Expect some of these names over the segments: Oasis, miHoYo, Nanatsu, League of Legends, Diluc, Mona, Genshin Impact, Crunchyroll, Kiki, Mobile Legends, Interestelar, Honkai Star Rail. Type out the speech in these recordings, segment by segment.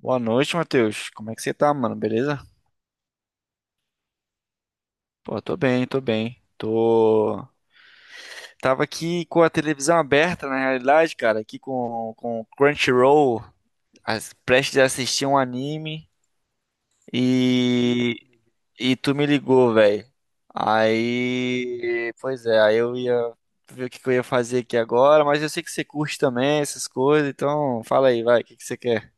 Boa noite, Matheus. Como é que você tá, mano? Beleza? Pô, tô bem, tô bem. Tô. Tava aqui com a televisão aberta, na realidade, cara, aqui com o Crunchyroll, prestes a assistir um anime e. E tu me ligou, velho. Aí. Pois é, aí eu ia ver o que que eu ia fazer aqui agora, mas eu sei que você curte também essas coisas, então fala aí, vai, o que que você quer?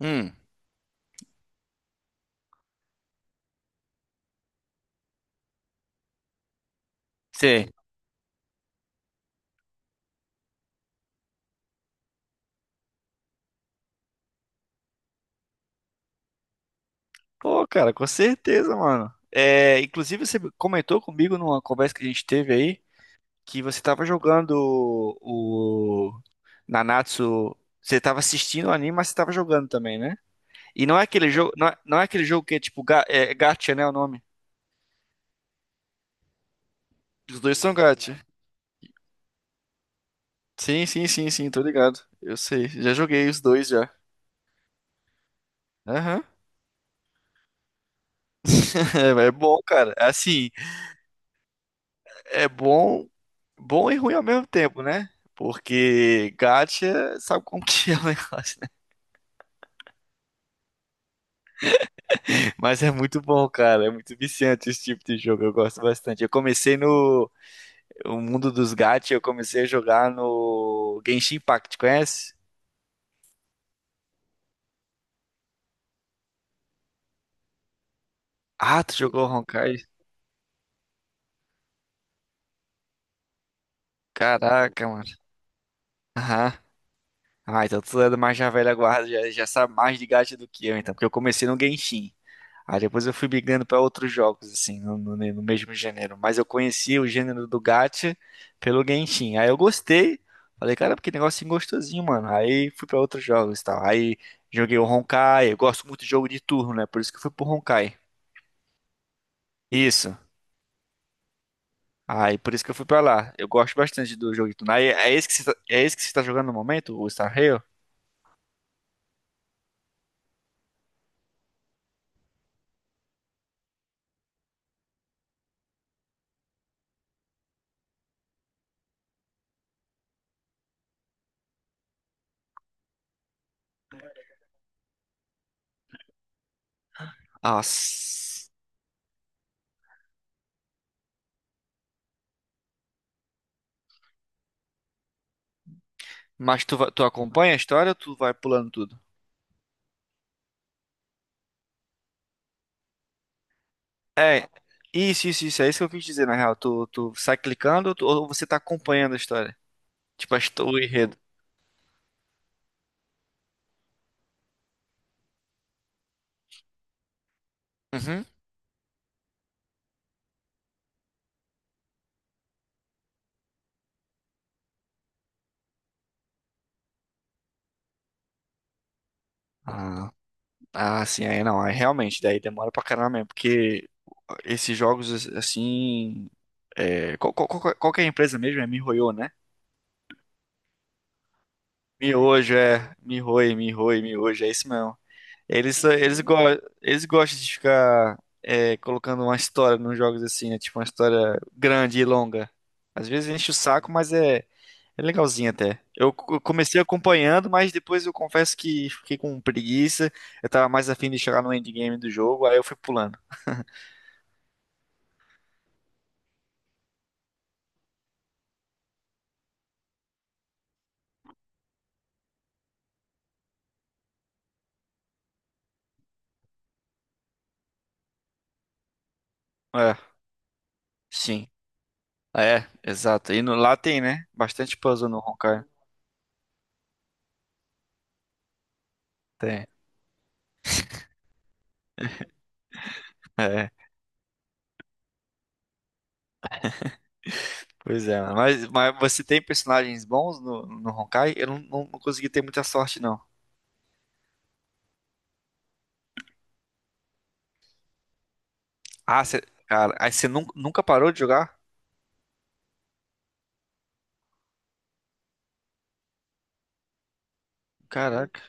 Hum, sim. Pô, cara, com certeza, mano. É, inclusive, você comentou comigo numa conversa que a gente teve aí que você tava jogando o Nanatsu. Você tava assistindo o anime, mas você tava jogando também, né? E não é aquele jogo, não é aquele jogo que é tipo gacha, né, o nome? Os dois são gacha. Sim, sim, sim, sim, tô ligado. Eu sei, já joguei os dois já. Aham. É, mas é bom, cara. Assim, é bom, bom e ruim ao mesmo tempo, né? Porque gacha, sabe como que é o negócio? Mas é muito bom, cara. É muito viciante esse tipo de jogo. Eu gosto bastante. Eu comecei no o mundo dos gacha, eu comecei a jogar no Genshin Impact, conhece? Ah, tu jogou Honkai? Caraca, mano. Aham. Ah, então tu é mais já velha guarda, já sabe mais de gacha do que eu, então. Porque eu comecei no Genshin. Aí depois eu fui migrando para outros jogos, assim, no mesmo gênero. Mas eu conhecia o gênero do gacha pelo Genshin. Aí eu gostei. Falei, cara, que negocinho gostosinho, mano. Aí fui para outros jogos e tal. Aí joguei o Honkai. Eu gosto muito de jogo de turno, né? Por isso que eu fui pro Honkai. Isso. Aí por isso que eu fui pra lá. Eu gosto bastante do jogo de turno. Aí é esse que você tá, é esse que você tá jogando no momento, o Star Rail? Ah, s- mas tu acompanha a história ou tu vai pulando tudo? É, isso, isso, isso. É isso que eu quis dizer, na real. Tu sai clicando ou ou você tá acompanhando a história? Tipo, o enredo. Uhum. Ah, ah, sim, aí não. Aí realmente, daí demora pra caramba mesmo. Porque esses jogos, assim. É, qual que é a empresa mesmo? É miHoYo, né? Miojo, é. miHoYo, miHoYo, miojo. É isso mesmo. Eles, só- eles, go eles gostam de ficar colocando uma história nos jogos assim, né? Tipo uma história grande e longa. Às vezes enche o saco, mas é legalzinho até. Comecei acompanhando, mas depois eu confesso que fiquei com preguiça. Eu tava mais afim de chegar no endgame do jogo, aí eu fui pulando. É, sim. Ah, é, exato. E no, Lá tem, né? Bastante puzzle no Honkai. Tem. É, é. Pois é. Mas você tem personagens bons no Honkai? Eu não consegui ter muita sorte, não. Ah, cê, cara, aí você nunca parou de jogar? Caraca,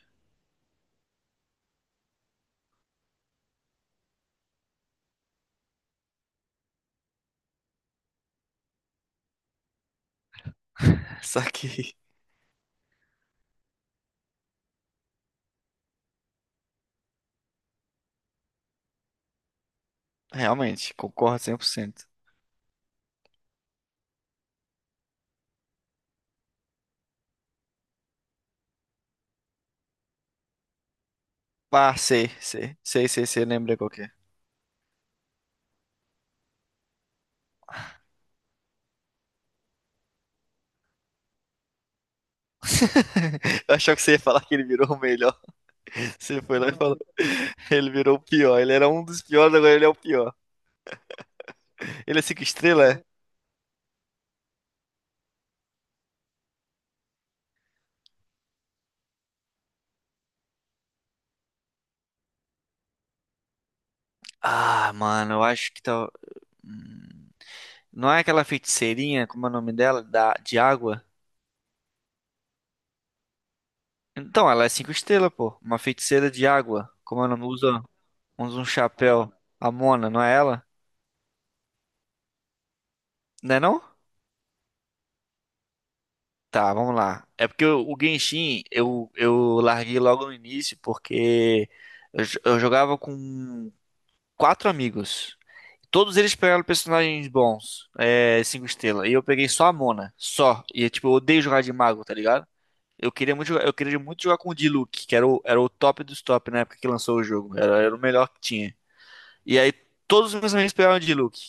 só que realmente, concordo 100%. Ah, sei, sei, sei, sei, sei, lembrei qual que é. Eu achava que você ia falar que ele virou o melhor. Você foi lá e falou. Ele virou o pior. Ele era um dos piores, agora ele é o pior. Ele é cinco estrelas? É? Ah, mano, eu acho que tá. Hum, não é aquela feiticeirinha, como é o nome dela? De água? Então, ela é cinco estrelas, pô. Uma feiticeira de água. Como é o nome? Usa. Usa um chapéu. A Mona, não é ela? Não é não? Tá, vamos lá. É porque o Genshin eu, larguei logo no início porque eu jogava com quatro amigos. Todos eles pegaram personagens bons, cinco estrelas. E eu peguei só a Mona, só. E tipo, eu odeio jogar de mago, tá ligado? Eu queria muito jogar com o Diluc, que era o top dos top na época que lançou o jogo. Era o melhor que tinha. E aí todos os meus amigos pegaram de Luke.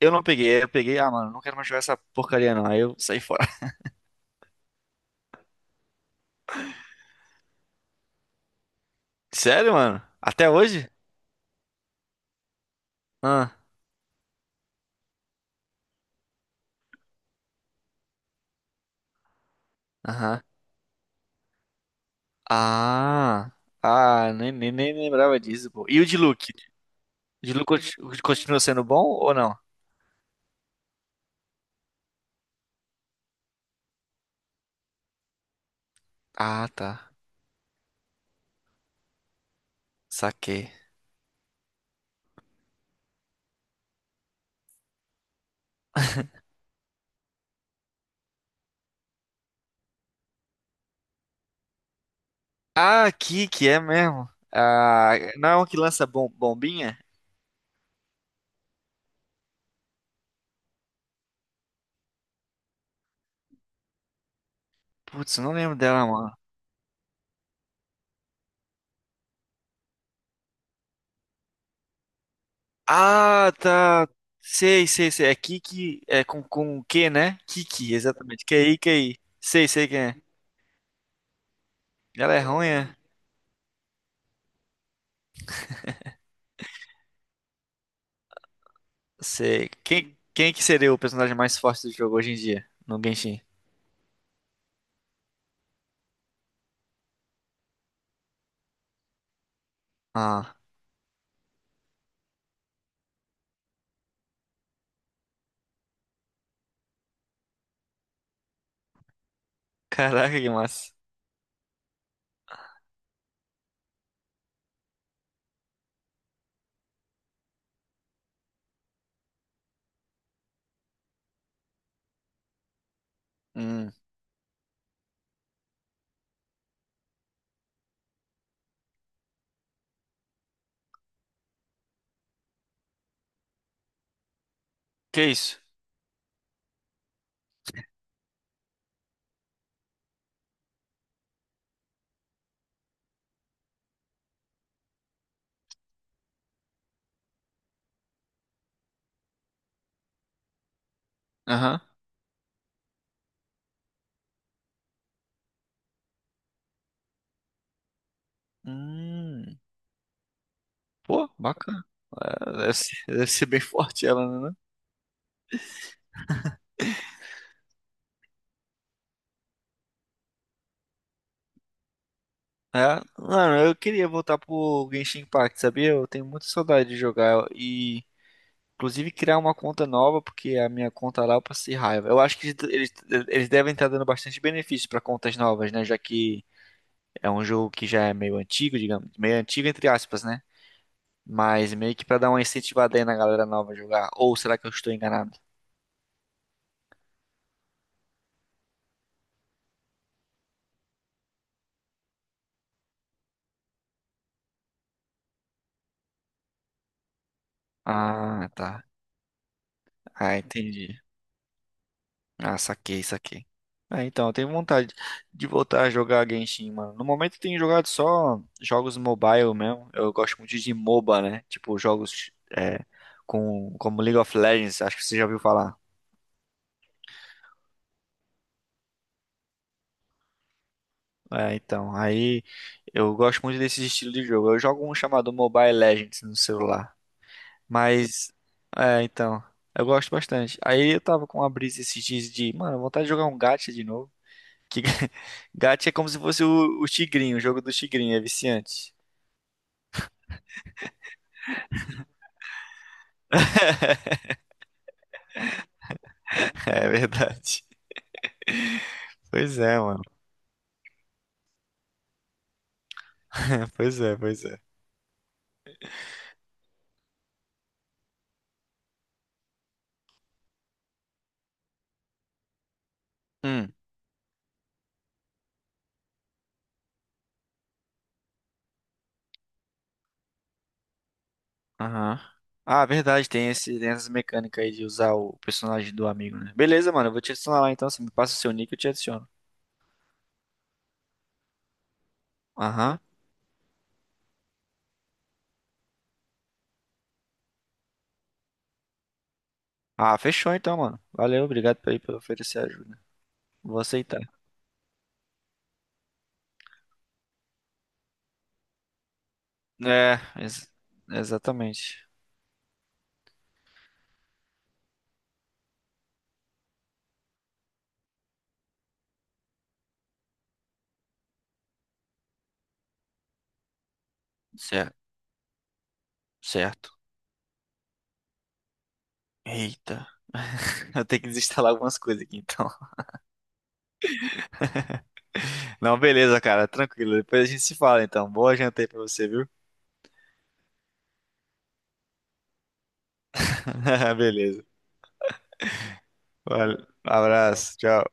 Eu não peguei, aí eu peguei, ah, mano, não quero mais jogar essa porcaria não. Aí eu saí fora. Sério, mano? Até hoje? Ah, aham. Ah, ah, nem lembrava disso, pô. E o de Luke? O de Luke continua sendo bom ou não? Ah, tá. Saquei. Ah, aqui que é mesmo. Ah, não é uma que lança bombinha? Putz, eu não lembro dela, mano. Ah, tá. Sei, sei, sei. É Kiki, é com o quê, né? Kiki, exatamente. QI, QI. Sei, sei quem é. Ela é ruim, é? Sei. Quem que seria o personagem mais forte do jogo hoje em dia? No Genshin. Ah, caraca, que massa. Hum, que isso? Aham. Hum, Pô, bacana. É, deve ser bem forte ela, né? É, mano, eu queria voltar pro Genshin Impact, sabia? Eu tenho muita saudade de jogar e inclusive criar uma conta nova, porque a minha conta lá eu passei raiva. Eu acho que eles devem estar dando bastante benefício para contas novas, né? Já que é um jogo que já é meio antigo, digamos, meio antigo entre aspas, né? Mas meio que para dar uma incentivada aí na galera nova a jogar. Ou será que eu estou enganado? Ah, tá. Ah, entendi. Ah, saquei, saquei. Ah, então, eu tenho vontade de voltar a jogar Genshin, mano. No momento eu tenho jogado só jogos mobile mesmo. Eu gosto muito de MOBA, né? Tipo, jogos é, como League of Legends, acho que você já ouviu falar. É, então, aí eu gosto muito desse estilo de jogo. Eu jogo um chamado Mobile Legends no celular. Mas, então, eu gosto bastante. Aí eu tava com uma brisa esses dias de, mano, vontade de jogar um gacha de novo. Que Gacha é como se fosse o Tigrinho, o jogo do Tigrinho, é viciante. É verdade. Pois é, mano. Pois é, pois é. Hum, aham. Ah, verdade, tem essas mecânicas aí de usar o personagem do amigo, né? Beleza, mano, eu vou te adicionar lá então. Você me passa o seu nick, eu te adiciono. Aham. Ah, fechou então, mano. Valeu, obrigado por oferecer ajuda. Vou aceitar. É, ex- exatamente. Certo, certo. Eita. Eu tenho que desinstalar algumas coisas aqui então. Não, beleza, cara. Tranquilo. Depois a gente se fala, então. Boa janta aí pra você, viu? Beleza. Valeu. Abraço. Tchau.